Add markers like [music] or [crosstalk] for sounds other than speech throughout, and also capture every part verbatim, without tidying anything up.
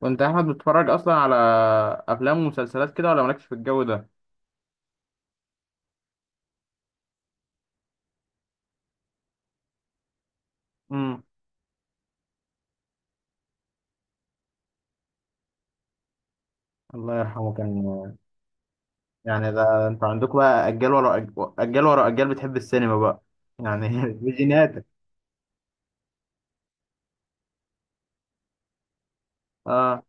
وانت يا احمد بتتفرج اصلا على افلام ومسلسلات كده، ولا مالكش في الجو ده؟ امم. الله يرحمه كان. يعني ده انتوا عندكم بقى اجيال ورا أج- اجيال ورا اجيال بتحب السينما بقى. يعني [laughs] دي جيناتك. اه،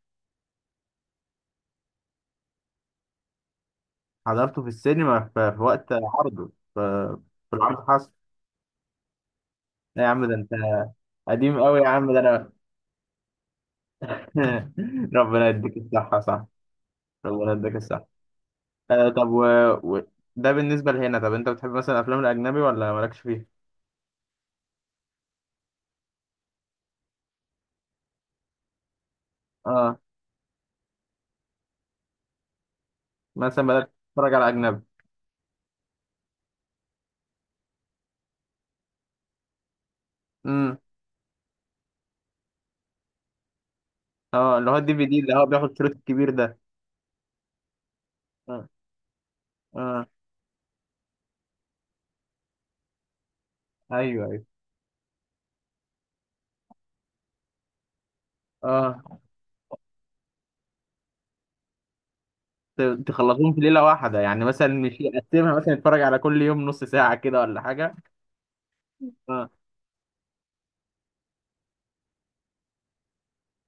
حضرته في السينما في, في وقت عرضه. ف- في العرض حصل؟ لا يا عم ده انت قديم قوي يا عم، ده انا. [laughs] ربنا يديك الصحة، صح. ربنا يديك الصحة. آه طب و... و... ده بالنسبة لهنا. طب انت بتحب مثلا الافلام الاجنبي ولا مالكش فيه؟ اه، مثلا بدأت تتفرج على اجنبي؟ اه، اللي هو الدي في دي اللي هو بياخد كيلو الكبير ده. اه، اه. ايوه، ايوه. اه. ت- تخلصوهم في ليله واحده يعني؟ مثلا مش يقسمها مثلا يتفرج على كل يوم نص ساعه كده ولا حاجه؟ اه.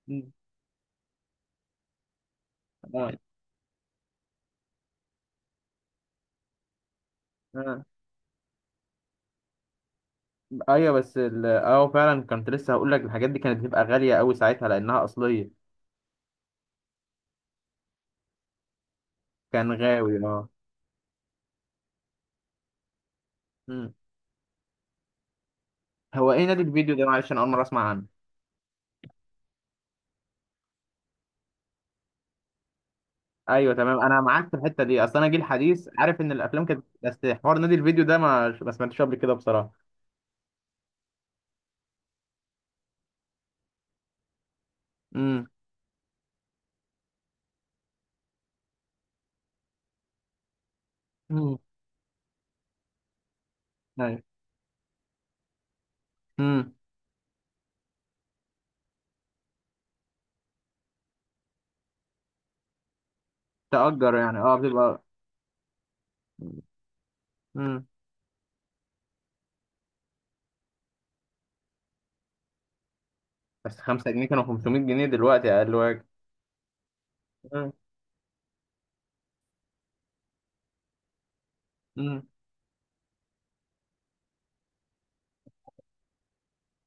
م. اه، اه. ايوه، بس ال- اه فعلا كنت لسه هقول لك الحاجات دي كانت بتبقى غاليه قوي ساعتها لانها اصليه. كان غاوي اه. م. هو ايه نادي الفيديو ده؟ معلش، انا اول مره اسمع عنه. ايوه، تمام، انا معاك في الحته دي. اصل انا جيل حديث عارف ان الافلام كانت، بس حوار نادي الفيديو ده ما ما سمعتش قبل كده بصراحه. امم. امم. ايوه. تأجر يعني، اه بتبقى. امم. بس خمسة جنيه كانوا خمسمية جنيه دلوقتي اقل واجب. امم.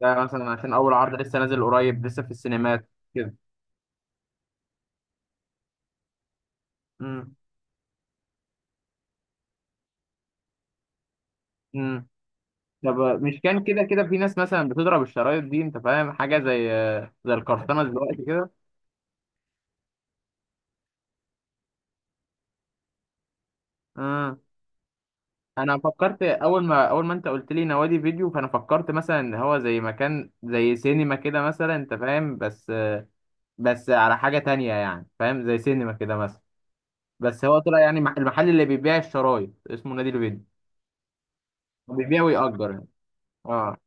ده مثلا عشان اول عرض لسه نازل قريب لسه في السينمات كده. امم. امم. طب مش كان كده كده في ناس مثلا بتضرب الشرايط دي؟ انت فاهم حاجه زي زي القرطنه دلوقتي كده. امم. انا فكرت اول ما اول ما انت قلت لي نوادي فيديو، فانا فكرت مثلا ان هو زي مكان زي سينما كده مثلا، انت فاهم؟ بس. بس على حاجه تانية يعني، فاهم؟ زي سينما كده مثلا. بس هو طلع يعني مح- المحل اللي بيبيع الشرايط اسمه نادي البيض. هو بيبيع ويأجر يعني؟ اه.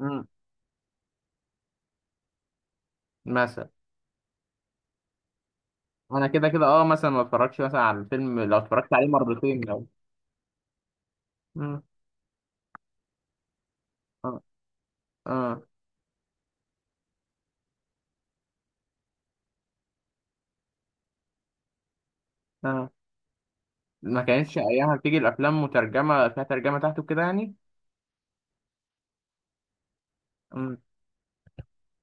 امم. مثلا انا كده كده اه، مثلا ما اتفرجش مثلا على الفيلم. لو اتفرجت عليه مرتين لو. امم. اه، اه. اه، ما كانتش ايامها بتيجي الافلام مترجمه فيها ترجمه تحته كده يعني؟ امم.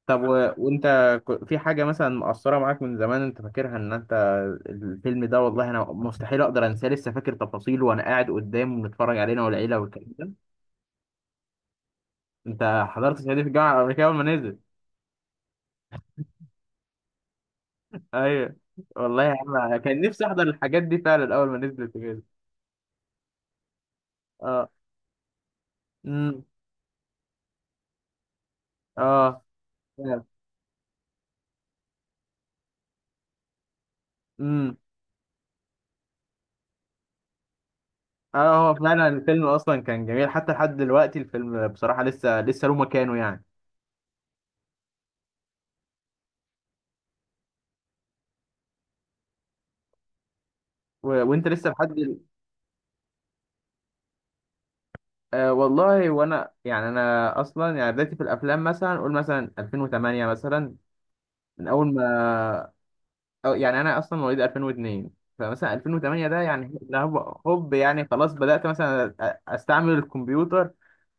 طب و... وانت ك- في حاجه مثلا مأثره معاك من زمان انت فاكرها ان انت: الفيلم ده والله انا مستحيل اقدر انساه لسه فاكر تفاصيله وانا قاعد قدامه بنتفرج علينا والعيله والكلام ده. انت حضرت صعيدي في الجامعه الامريكيه اول ما نزل؟ ايوه، والله يا عم أنا كان نفسي احضر الحاجات دي فعلا اول ما نزلت كده. اه. امم. اه، فعلا. امم. اه، هو فعلا الفيلم اصلا كان جميل. حتى لحد دلوقتي الفيلم بصراحه لسه لسه له مكانه يعني. و... وانت لسه لحد دل... آه والله وانا يعني انا اصلا يعني بدايتي في الافلام، مثلا قول مثلا ألفين وتمانية مثلا، من اول ما. أو يعني انا اصلا مواليد ألفين واتنين. فمثلا ألفين وتمانية ده يعني هوب هوب يعني خلاص بدات مثلا أ- استعمل الكمبيوتر.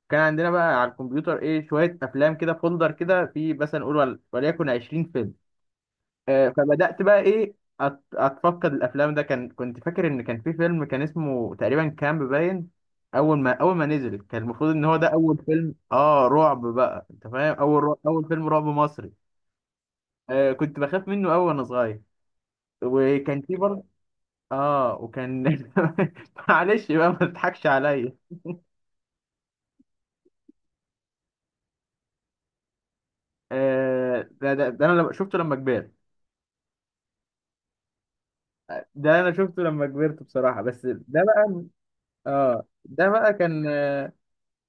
كان عندنا بقى على الكمبيوتر ايه شويه افلام كده، فولدر كده في مثلا نقول ول- وليكن عشرين فيلم. آه، فبدات بقى ايه أت- اتفقد الافلام ده. كان كنت فاكر ان كان في فيلم كان اسمه تقريبا كامب باين. اول ما اول ما نزل كان المفروض ان هو ده اول فيلم اه رعب بقى، انت فاهم؟ اول رعب اول فيلم رعب مصري. آه، كنت بخاف منه اول وانا صغير. وكان في برضه. اه، وكان [laughs] معلش بقى ما تضحكش عليا. آه، ده, ده, ده انا لما- شفته لما كبرت. ده انا شفته لما كبرت بصراحه، بس ده بقى. اه، ده بقى كان آه،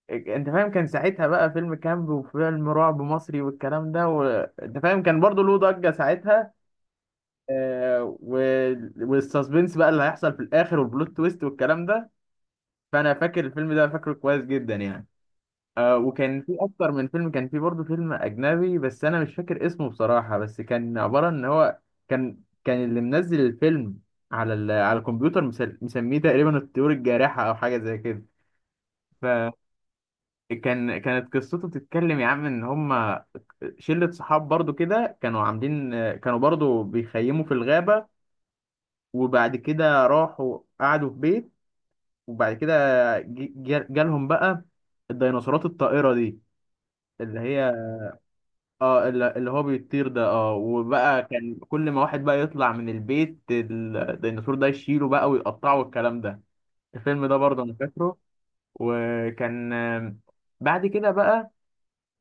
انت فاهم؟ كان ساعتها بقى فيلم كامب وفيلم رعب مصري والكلام ده، وانت فاهم كان برضو له ضجه ساعتها. آه و... والسسبنس بقى اللي هيحصل في الاخر والبلوت تويست والكلام ده. فانا فاكر الفيلم ده، فاكره كويس جدا يعني. آه، وكان في اكتر من فيلم. كان في برضه فيلم اجنبي بس انا مش فاكر اسمه بصراحه، بس كان عباره ان هو. كان كان اللي منزل الفيلم على ال... على الكمبيوتر مسل- مسميه تقريبا الطيور الجارحه او حاجه زي كده. فكان كانت قصته بتتكلم يا عم ان هم. شله صحاب برضه كده، كانوا عاملين. كانوا برضه بيخيموا في الغابه. وبعد كده راحوا قعدوا في بيت. وبعد كده ج- ج- جالهم بقى. الديناصورات الطائره دي. اللي هي. اه، اللي اللي هو بيطير ده اه، وبقى كان كل ما واحد بقى يطلع من البيت الديناصور ده يشيله بقى ويقطعه والكلام ده. الفيلم ده برضه انا فاكره. وكان آم، بعد كده بقى.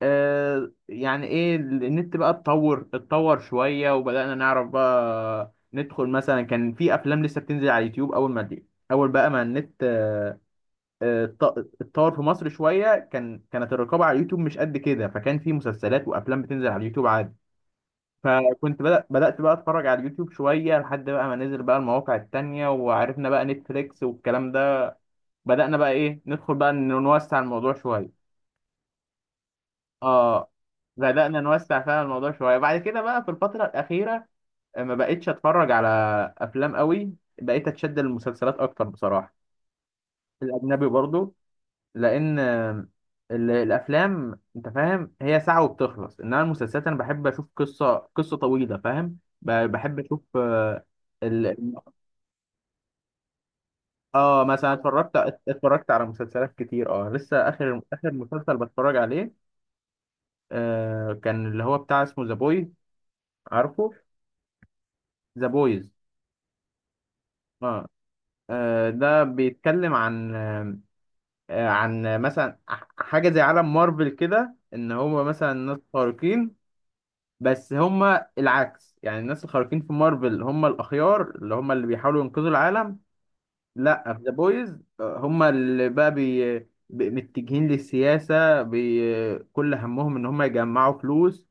آه يعني ايه النت بقى اتطور اتطور شوية، وبدأنا نعرف بقى ندخل، مثلا كان في افلام لسه بتنزل على اليوتيوب اول ما دي اول بقى ما النت آه، آه، اتط- اتطور في مصر شوية، كان كانت الرقابة على اليوتيوب مش قد كده، فكان في مسلسلات وافلام بتنزل على اليوتيوب عادي. فكنت بدأ بدأت بقى اتفرج على اليوتيوب شوية، لحد بقى ما نزل بقى المواقع التانية وعرفنا بقى نتفليكس والكلام ده. بدأنا بقى ايه ندخل بقى إن نوسع الموضوع شوية. اه. بدأنا نوسع فعلا الموضوع شوية بعد كده بقى، في الفترة الأخيرة. ما بقتش اتفرج على افلام قوي. بقيت اتشد للمسلسلات اكتر بصراحة. الاجنبي برضو. لان آه، ال- الافلام انت فاهم هي ساعة وبتخلص، انما المسلسلات انا بحب اشوف قصة قصة طويلة، فاهم؟ ب- بحب اشوف آه، ال- اه مثلا اتفرجت اتفرجت على مسلسلات كتير، اه لسه اخر اخر مسلسل بتفرج عليه. آه، كان اللي هو بتاع اسمه ذا بويز. عارفه؟ ذا بويز. اه. آه، ده بيتكلم عن آه عن مثلا ح- حاجة زي عالم مارفل كده ان هو مثلا ناس خارقين. بس هم العكس يعني. الناس الخارقين في مارفل هم الاخيار اللي هم اللي بيحاولوا ينقذوا العالم. لا في ذا بويز هم اللي بقى بي... بي- متجهين للسياسة، بي... كل همهم ان هم يجمعوا فلوس.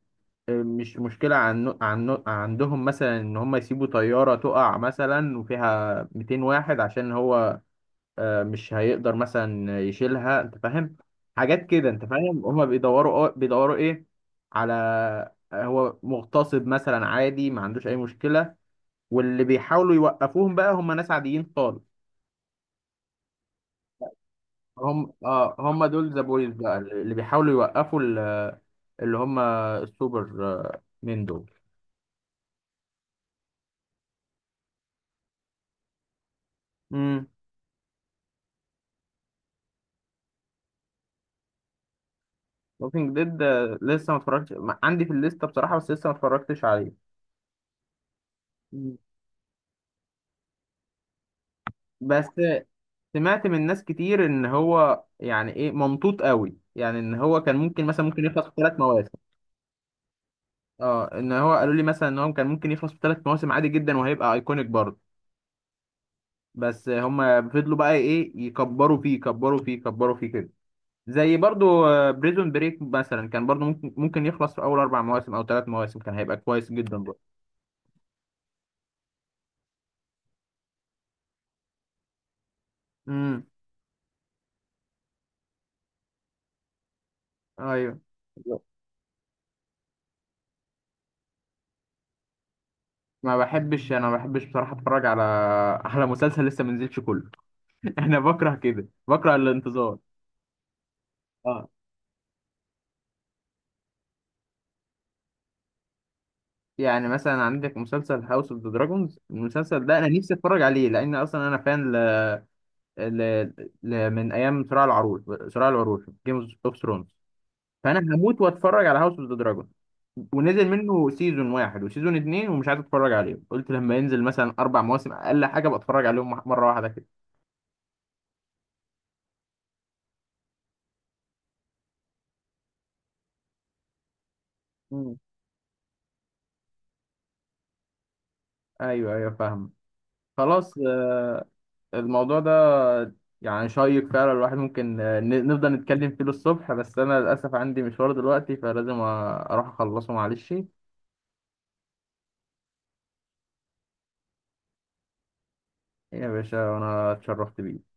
مش مشكلة عن... عن... عندهم مثلا ان هم يسيبوا طيارة تقع مثلا وفيها ميتين واحد، عشان هو. آه، مش هيقدر مثلا يشيلها، انت فاهم؟ حاجات كده انت فاهم. هم بيدوروا آه، بيدوروا ايه على آه، هو مغتصب مثلا عادي ما عندوش اي مشكلة. واللي بيحاولوا يوقفوهم بقى هم ناس عاديين. هم اه هم دول ذا بويز بقى اللي بيحاولوا يوقفوا ال- اللي هم السوبر آه، مين دول. امم. ووكينج ديد. لسه ما اتفرجتش، ما- عندي في الليسته بصراحه بس لسه ما اتفرجتش عليه. مم. بس سمعت من ناس كتير ان هو يعني ايه ممطوط قوي يعني، ان هو كان ممكن مثلا ممكن يخلص في ثلاث مواسم. اه، ان هو قالوا لي مثلا ان هو كان ممكن يخلص في ثلاث مواسم عادي جدا وهيبقى ايكونيك برضه. بس هم فضلوا بقى ايه يكبروا فيه يكبروا فيه يكبروا فيه كده. زي برضو بريزون بريك مثلا كان برضو ممكن ممكن يخلص في اول اربع مواسم او ثلاث مواسم كان هيبقى كويس جدا برضو. امم. ايوه. ما بحبش انا ما بحبش بصراحه اتفرج على [laughs] على مسلسل لسه ما نزلش كله. [laughs] انا بكره كده، بكره الانتظار. اه. يعني مثلا عندك مسلسل هاوس اوف ذا دراجونز، المسلسل ده انا نفسي اتفرج عليه لان اصلا انا فان ل... ل... ل... من ايام صراع العروش. صراع العروش، جيم اوف ثرونز. فانا هموت واتفرج على هاوس اوف ذا دراجون. ونزل منه سيزون واحد وسيزون اتنين ومش عايز اتفرج عليه، قلت لما ينزل مثلا اربع مواسم اقل حاجه بتفرج عليهم مح- مره واحده كده. مم. ايوه، ايوه، فاهم. خلاص. آه، الموضوع ده يعني شيق فعلا. الواحد ممكن آه، ن- نفضل نتكلم فيه للصبح، بس انا للاسف عندي مشوار دلوقتي فلازم أ- اروح اخلصه معلش. يا باشا، وانا اتشرفت بيه.